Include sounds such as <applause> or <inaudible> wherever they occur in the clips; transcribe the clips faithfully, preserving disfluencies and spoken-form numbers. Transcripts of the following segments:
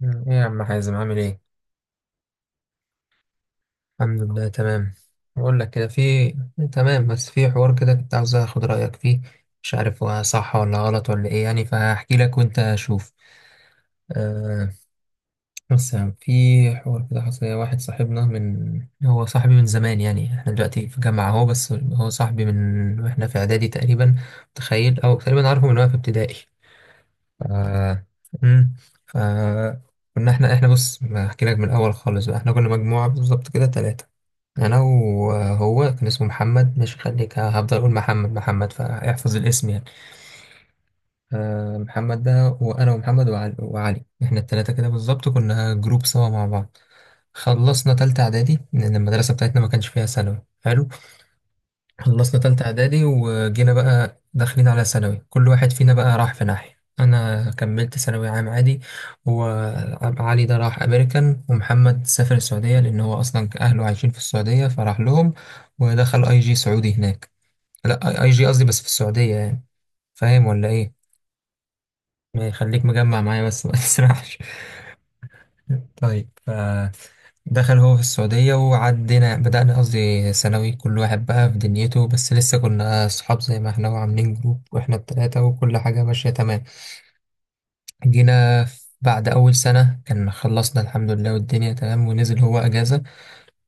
مم. ايه يا عم حازم عامل ايه؟ الحمد لله تمام. بقول لك كده، في تمام، بس في حوار كده كنت عاوز اخد رايك فيه. مش عارف هو صح ولا غلط ولا ايه يعني، فهحكي لك وانت شوف. آه. بص يا عم، في حوار كده حصل لي. واحد صاحبنا، من هو صاحبي من زمان، يعني احنا دلوقتي في جامعه اهو، بس هو صاحبي من واحنا في اعدادي تقريبا، متخيل، او تقريبا عارفه من وانا في ابتدائي. ف... مم. ف... كنا احنا احنا بص، احكي لك من الاول خالص بقى. احنا كنا مجموعه بالظبط كده ثلاثه، انا وهو. كان اسمه محمد، مش، خليك، هفضل اقول محمد محمد فاحفظ الاسم يعني. آه، محمد ده. وانا ومحمد وعلي، وعلي. احنا الثلاثه كده بالظبط كنا جروب سوا مع بعض. خلصنا تالتة اعدادي، لان المدرسه بتاعتنا ما كانش فيها ثانوي حلو. خلصنا تالتة إعدادي وجينا بقى داخلين على ثانوي، كل واحد فينا بقى راح في ناحية. أنا كملت ثانوي عام عادي، وعلي ده راح أمريكان، ومحمد سافر السعودية لأن هو أصلا أهله عايشين في السعودية فراح لهم. ودخل أي جي سعودي هناك. لا، أي أي جي قصدي، بس في السعودية يعني. فاهم ولا إيه؟ ما يخليك مجمع معايا بس، ما تسرحش. <laughs> طيب. دخل هو في السعودية وعدينا، بدأنا قصدي ثانوي، كل واحد بقى في دنيته، بس لسه كنا صحاب زي ما احنا، وعاملين جروب واحنا التلاتة، وكل حاجة ماشية تمام. جينا في- بعد أول سنة كان خلصنا الحمد لله والدنيا تمام، ونزل هو أجازة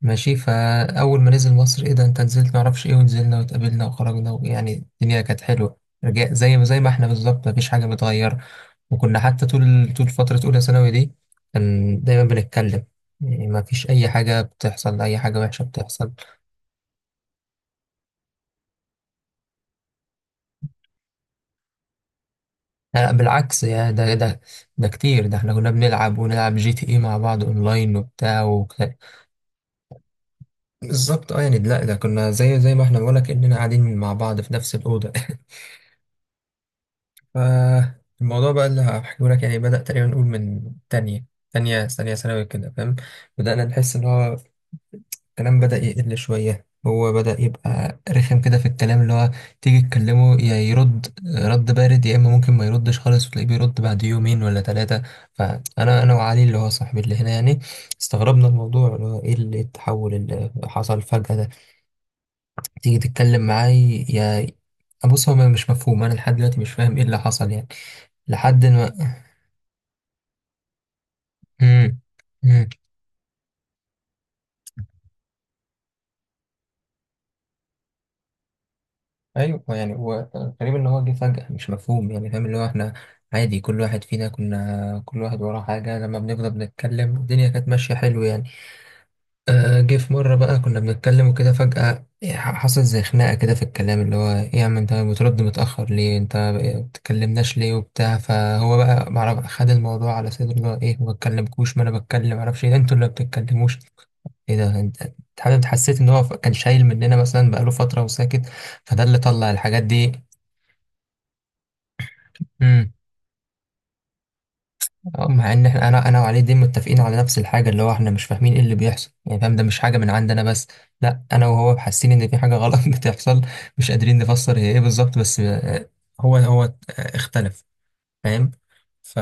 ماشي. فأول ما نزل مصر، إيه ده أنت نزلت معرفش إيه، ونزلنا واتقابلنا وخرجنا، ويعني الدنيا كانت حلوة. رجع زي ما زي ما إحنا بالظبط، مفيش حاجة متغيرة. وكنا حتى طول طول فترة أولى ثانوي دي كان دايما بنتكلم، يعني مفيش أي حاجة بتحصل، أي حاجة وحشة بتحصل. لا بالعكس، يا ده ده ده كتير، ده إحنا كنا بنلعب ونلعب جي تي إيه مع بعض أونلاين وبتاع وك... بالظبط، أه يعني. لا ده كنا زي زي ما إحنا بقولك، إننا قاعدين مع بعض في نفس الأوضة. <laughs> فالموضوع بقى اللي هحكيه لك، يعني بدأ تقريبا نقول من تانية تانية تانية ثانوي كده، فاهم. بدأنا نحس إن هو الكلام بدأ يقل شوية، هو بدأ يبقى رخم كده في الكلام، اللي هو تيجي تكلمه يا يرد رد بارد، يا إما ممكن ما يردش خالص وتلاقيه بيرد بعد يومين ولا ثلاثة. فأنا أنا وعلي اللي هو صاحبي اللي هنا يعني، استغربنا الموضوع، اللي هو إيه اللي التحول اللي حصل فجأة ده. تيجي تتكلم معاه يا، بص هو مش مفهوم، أنا لحد دلوقتي مش فاهم إيه اللي حصل يعني، لحد ما، امم امم ايوه يعني هو غريب، ان هو جه فجأة مش مفهوم، يعني فاهم، اللي هو احنا عادي، كل واحد فينا كنا كل واحد وراه حاجة، لما بنفضل بنتكلم الدنيا كانت ماشية حلو يعني. آه، جه في مرة بقى كنا بنتكلم وكده، فجأة حصل زي خناقة كده في الكلام، اللي هو إيه يا عم أنت بترد متأخر ليه، أنت بتكلمناش ليه وبتاع. فهو بقى معرف خد الموضوع على صدره، اللي هو إيه ما بتكلمكوش، ما أنا بتكلم معرفش إيه، ده أنتوا اللي ما بتتكلموش. إيه ده أنت، أنت أنت حسيت إن هو كان شايل مننا مثلا بقاله فترة وساكت، فده اللي طلع الحاجات دي. إمم. اه، مع ان احنا انا انا وعلي دي متفقين على نفس الحاجه، اللي هو احنا مش فاهمين ايه اللي بيحصل يعني، فاهم، ده مش حاجه من عندنا بس، لا انا وهو حاسين ان في حاجه غلط <laughs> بتحصل، مش قادرين نفسر هي ايه بالظبط. بس آه، هو هو آه، اختلف، فاهم. ف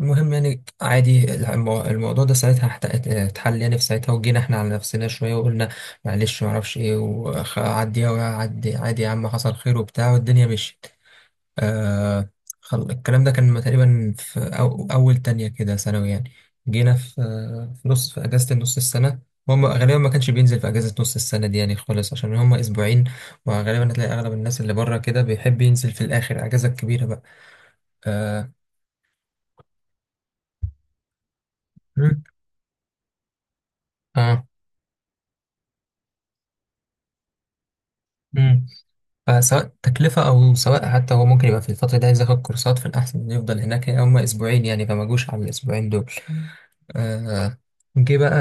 المهم يعني عادي، المو- الموضوع ده ساعتها احت- اتحل يعني في ساعتها، وجينا احنا على نفسنا شويه وقلنا معلش ما اعرفش ايه، وعديها، وعدي عادي يا عم حصل خير وبتاع، والدنيا مشيت. آه. خل... الكلام ده كان تقريبا في أو... أول تانية كده ثانوي يعني. جينا في آه، في نص، في أجازة نص السنة. هم غالبا ما كانش بينزل في أجازة نص السنة دي يعني خالص، عشان هم أسبوعين، وغالبا هتلاقي أغلب الناس اللي بره كده بيحب ينزل في الآخر أجازة كبيرة بقى. آه. مم. آه. مم. فسواء تكلفة، أو سواء حتى هو ممكن يبقى في الفترة دي عايز ياخد كورسات، في الأحسن إنه يفضل هناك، يعني هما أسبوعين يعني، فما جوش على الأسبوعين دول. آه، جه بقى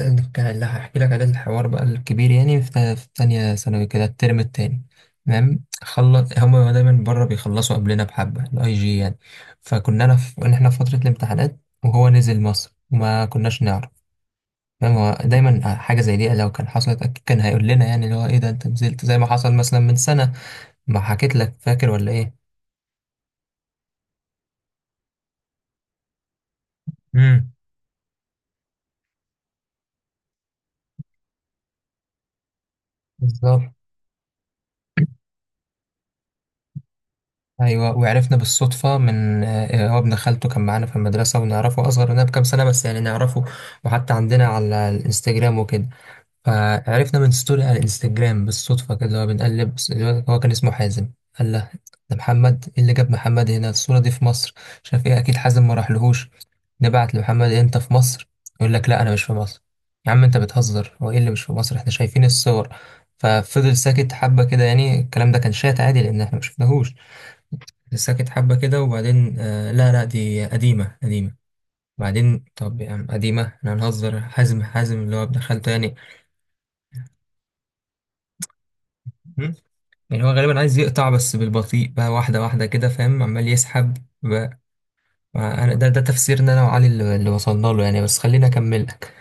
آه، كان اللي هحكي لك عليه الحوار بقى الكبير، يعني في تا- في تانية ثانوي كده الترم التاني. تمام، خلص، هما دايما بره بيخلصوا قبلنا بحبة الاي جي يعني. فكنا أنا في إن إحنا في فترة الامتحانات، وهو نزل مصر وما كناش نعرف. فاهم، هو دايما حاجة زي دي لو كان حصلت أكيد كان هيقول لنا، يعني اللي هو إيه ده أنت نزلت، زي ما حصل مثلا من سنة ما حكيت لك، فاكر ولا ايه. امم. بالظبط. ايوه وعرفنا بالصدفه من آه، هو ابن خالته كان معانا في المدرسه، ونعرفه اصغر مننا بكام سنه بس، يعني نعرفه، وحتى عندنا على الانستجرام وكده. فعرفنا من ستوري على الانستجرام بالصدفة كده، اللي هو بنقلب بس- اللي هو كان اسمه حازم. قال له ده محمد، ايه اللي جاب محمد هنا، الصورة دي في مصر، مش عارف ايه، اكيد حازم ما راحلهوش. نبعت لمحمد إيه انت في مصر، يقول لك لا انا مش في مصر. يا عم انت بتهزر، هو ايه اللي مش في مصر، احنا شايفين الصور. ففضل ساكت حبة كده، يعني الكلام ده كان شات عادي لان احنا مشفناهوش. ساكت حبة كده وبعدين آه لا لا دي قديمة قديمة. بعدين طب يا عم قديمة، احنا هنهزر، حازم، حازم اللي هو ابن خالته يعني. يعني هو غالبا عايز يقطع بس بالبطيء بقى، واحدة واحدة كده، فاهم، عمال يسحب بقى. ما أنا ده ده تفسيرنا أنا وعلي، اللي اللي وصلنا له يعني، بس خليني أكمل لك.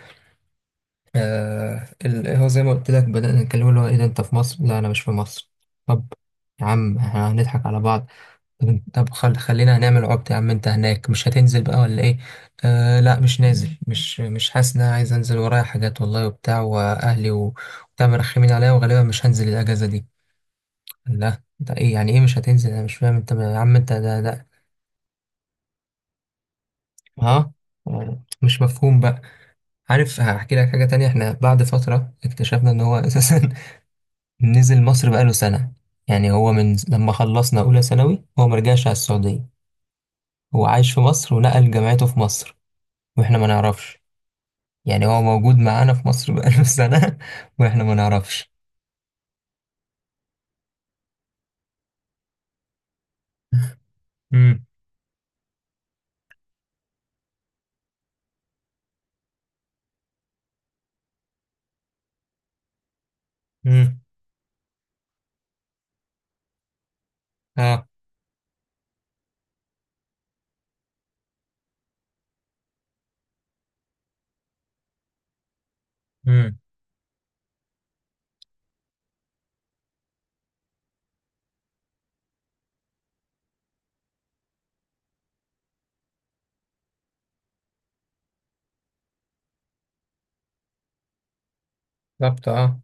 آه، ال- هو زي ما قلت لك بدأنا نتكلم، اللي هو إيه ده أنت في مصر؟ لا أنا مش في مصر. طب يا عم إحنا هنضحك على بعض. طب أنت، طب خل خلينا هنعمل عبط، يا عم أنت هناك مش هتنزل بقى ولا إيه؟ آه لا مش نازل، مش مش حاسس إن أنا عايز أنزل، ورايا حاجات والله وبتاع، وأهلي و، وبتاع مرخمين عليا، وغالبا مش هنزل الأجازة دي. لا ده ايه يعني، ايه مش هتنزل، انا مش فاهم انت يا عم انت ده ده ها، مش مفهوم بقى. عارف هحكي لك حاجة تانية، احنا بعد فترة اكتشفنا ان هو <laughs> اساسا نزل مصر بقاله سنة. يعني هو من لما خلصنا اولى ثانوي هو مرجعش على السعودية، هو عايش في مصر ونقل جامعته في مصر، واحنا ما نعرفش. يعني هو موجود معانا في مصر بقاله <laughs> سنة واحنا ما نعرفش. امم. امم. اه. امم. بالظبط. اه.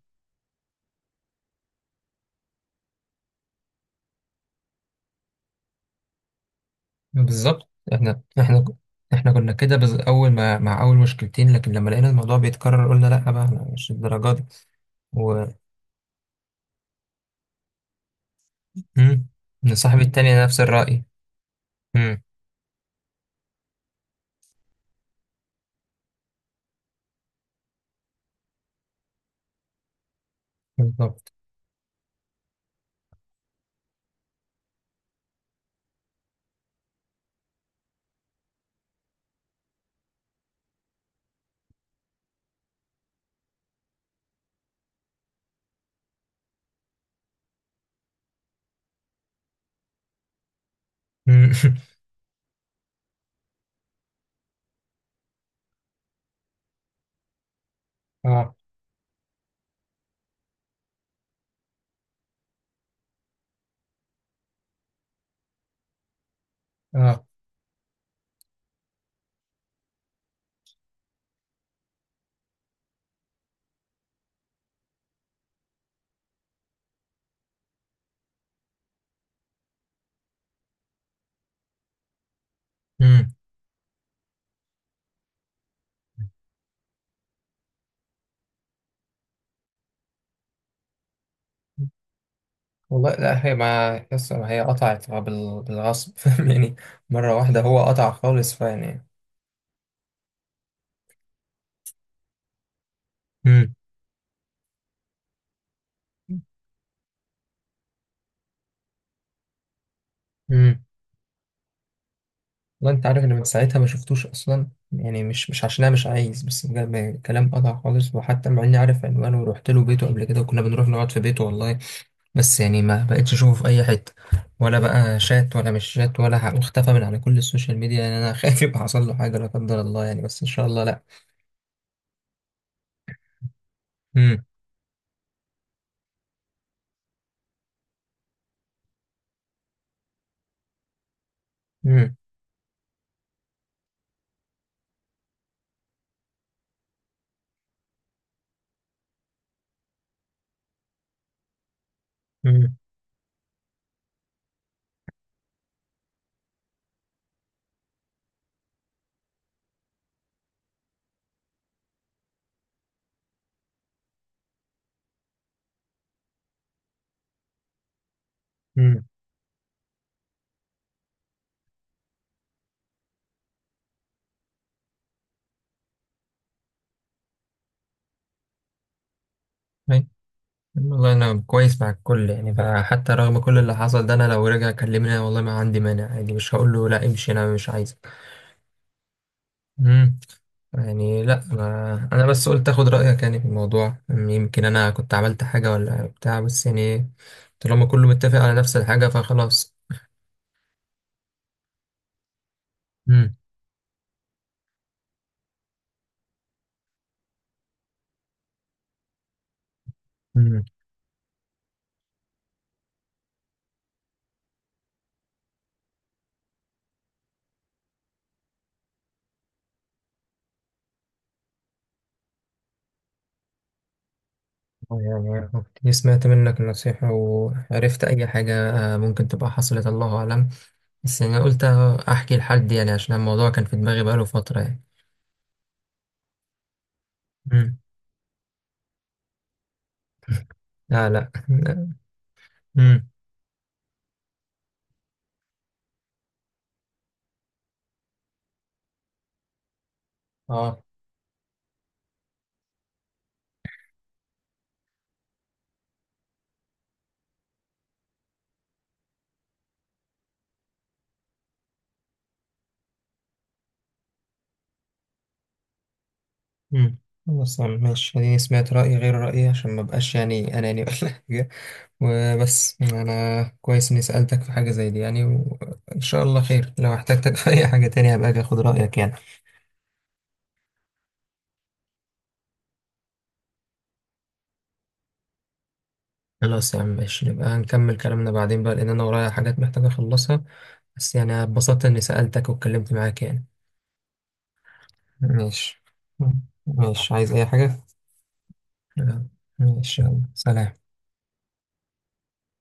بالظبط. احنا احنا احنا كنا كده بز... اول ما، مع اول مشكلتين، لكن لما لقينا الموضوع بيتكرر قلنا لا بقى، احنا مش الدرجات دي. و، مم. ان صاحبي التاني نفس الرأي. مم. بالظبط. مم. <laughs> اه. اه. مم. والله لا، هي ما يس- ما هي قطعت بال- بالغصب، <laughs> فاهم يعني، مرة واحدة هو قطع خالص فيعني. مم. مم. والله انت عارف ان من ساعتها ما شفتوش اصلا، يعني مش مش عشان انا مش عايز، بس بجد كلام، قطع خالص، وحتى مع اني عارف عنوانه ورحت له بيته قبل كده، وكنا بنروح نقعد في بيته والله، بس يعني ما بقتش اشوفه في اي حته، ولا بقى شات ولا مش شات ولا ح- واختفى من على كل السوشيال ميديا يعني. انا <laughs> خايف يبقى حصل له حاجه لا قدر الله يعني، بس ان شاء الله لا. امم. امم. امم. امم. أي. والله انا كويس مع الكل يعني، فحتى رغم كل اللي حصل ده انا لو رجع كلمني أنا والله ما عندي مانع عادي، مش هقول له لا امشي انا مش عايز يعني. لا انا، انا بس قلت اخد رايك يعني في الموضوع، يمكن انا كنت عملت حاجه ولا بتاع، بس يعني طالما كله متفق على نفس الحاجه فخلاص. امم. امم. يعني كنت سمعت منك النصيحه وعرفت اي حاجه آه، ممكن تبقى حصلت، الله اعلم. بس يعني قلت احكي لحد يعني، عشان الموضوع كان في دماغي بقاله فتره يعني. امم. لا لا. امم. اه. امم. خلاص يا عم، ماشي، اديني سمعت رايي غير رايي عشان ما بقاش يعني اناني ولا حاجه. وبس انا كويس اني سألتك في حاجة زي دي يعني، وان شاء الله خير، لو احتجتك في اي حاجة تانية هبقى اجي اخد رأيك يعني. خلاص يا عم ماشي، نبقى هنكمل كلامنا بعدين بقى، لان انا ورايا حاجات محتاج اخلصها، بس يعني اتبسطت اني سألتك واتكلمت معاك يعني. ماشي. ماشي، عايز اي حاجة؟ لا. ماشي، يلا سلام.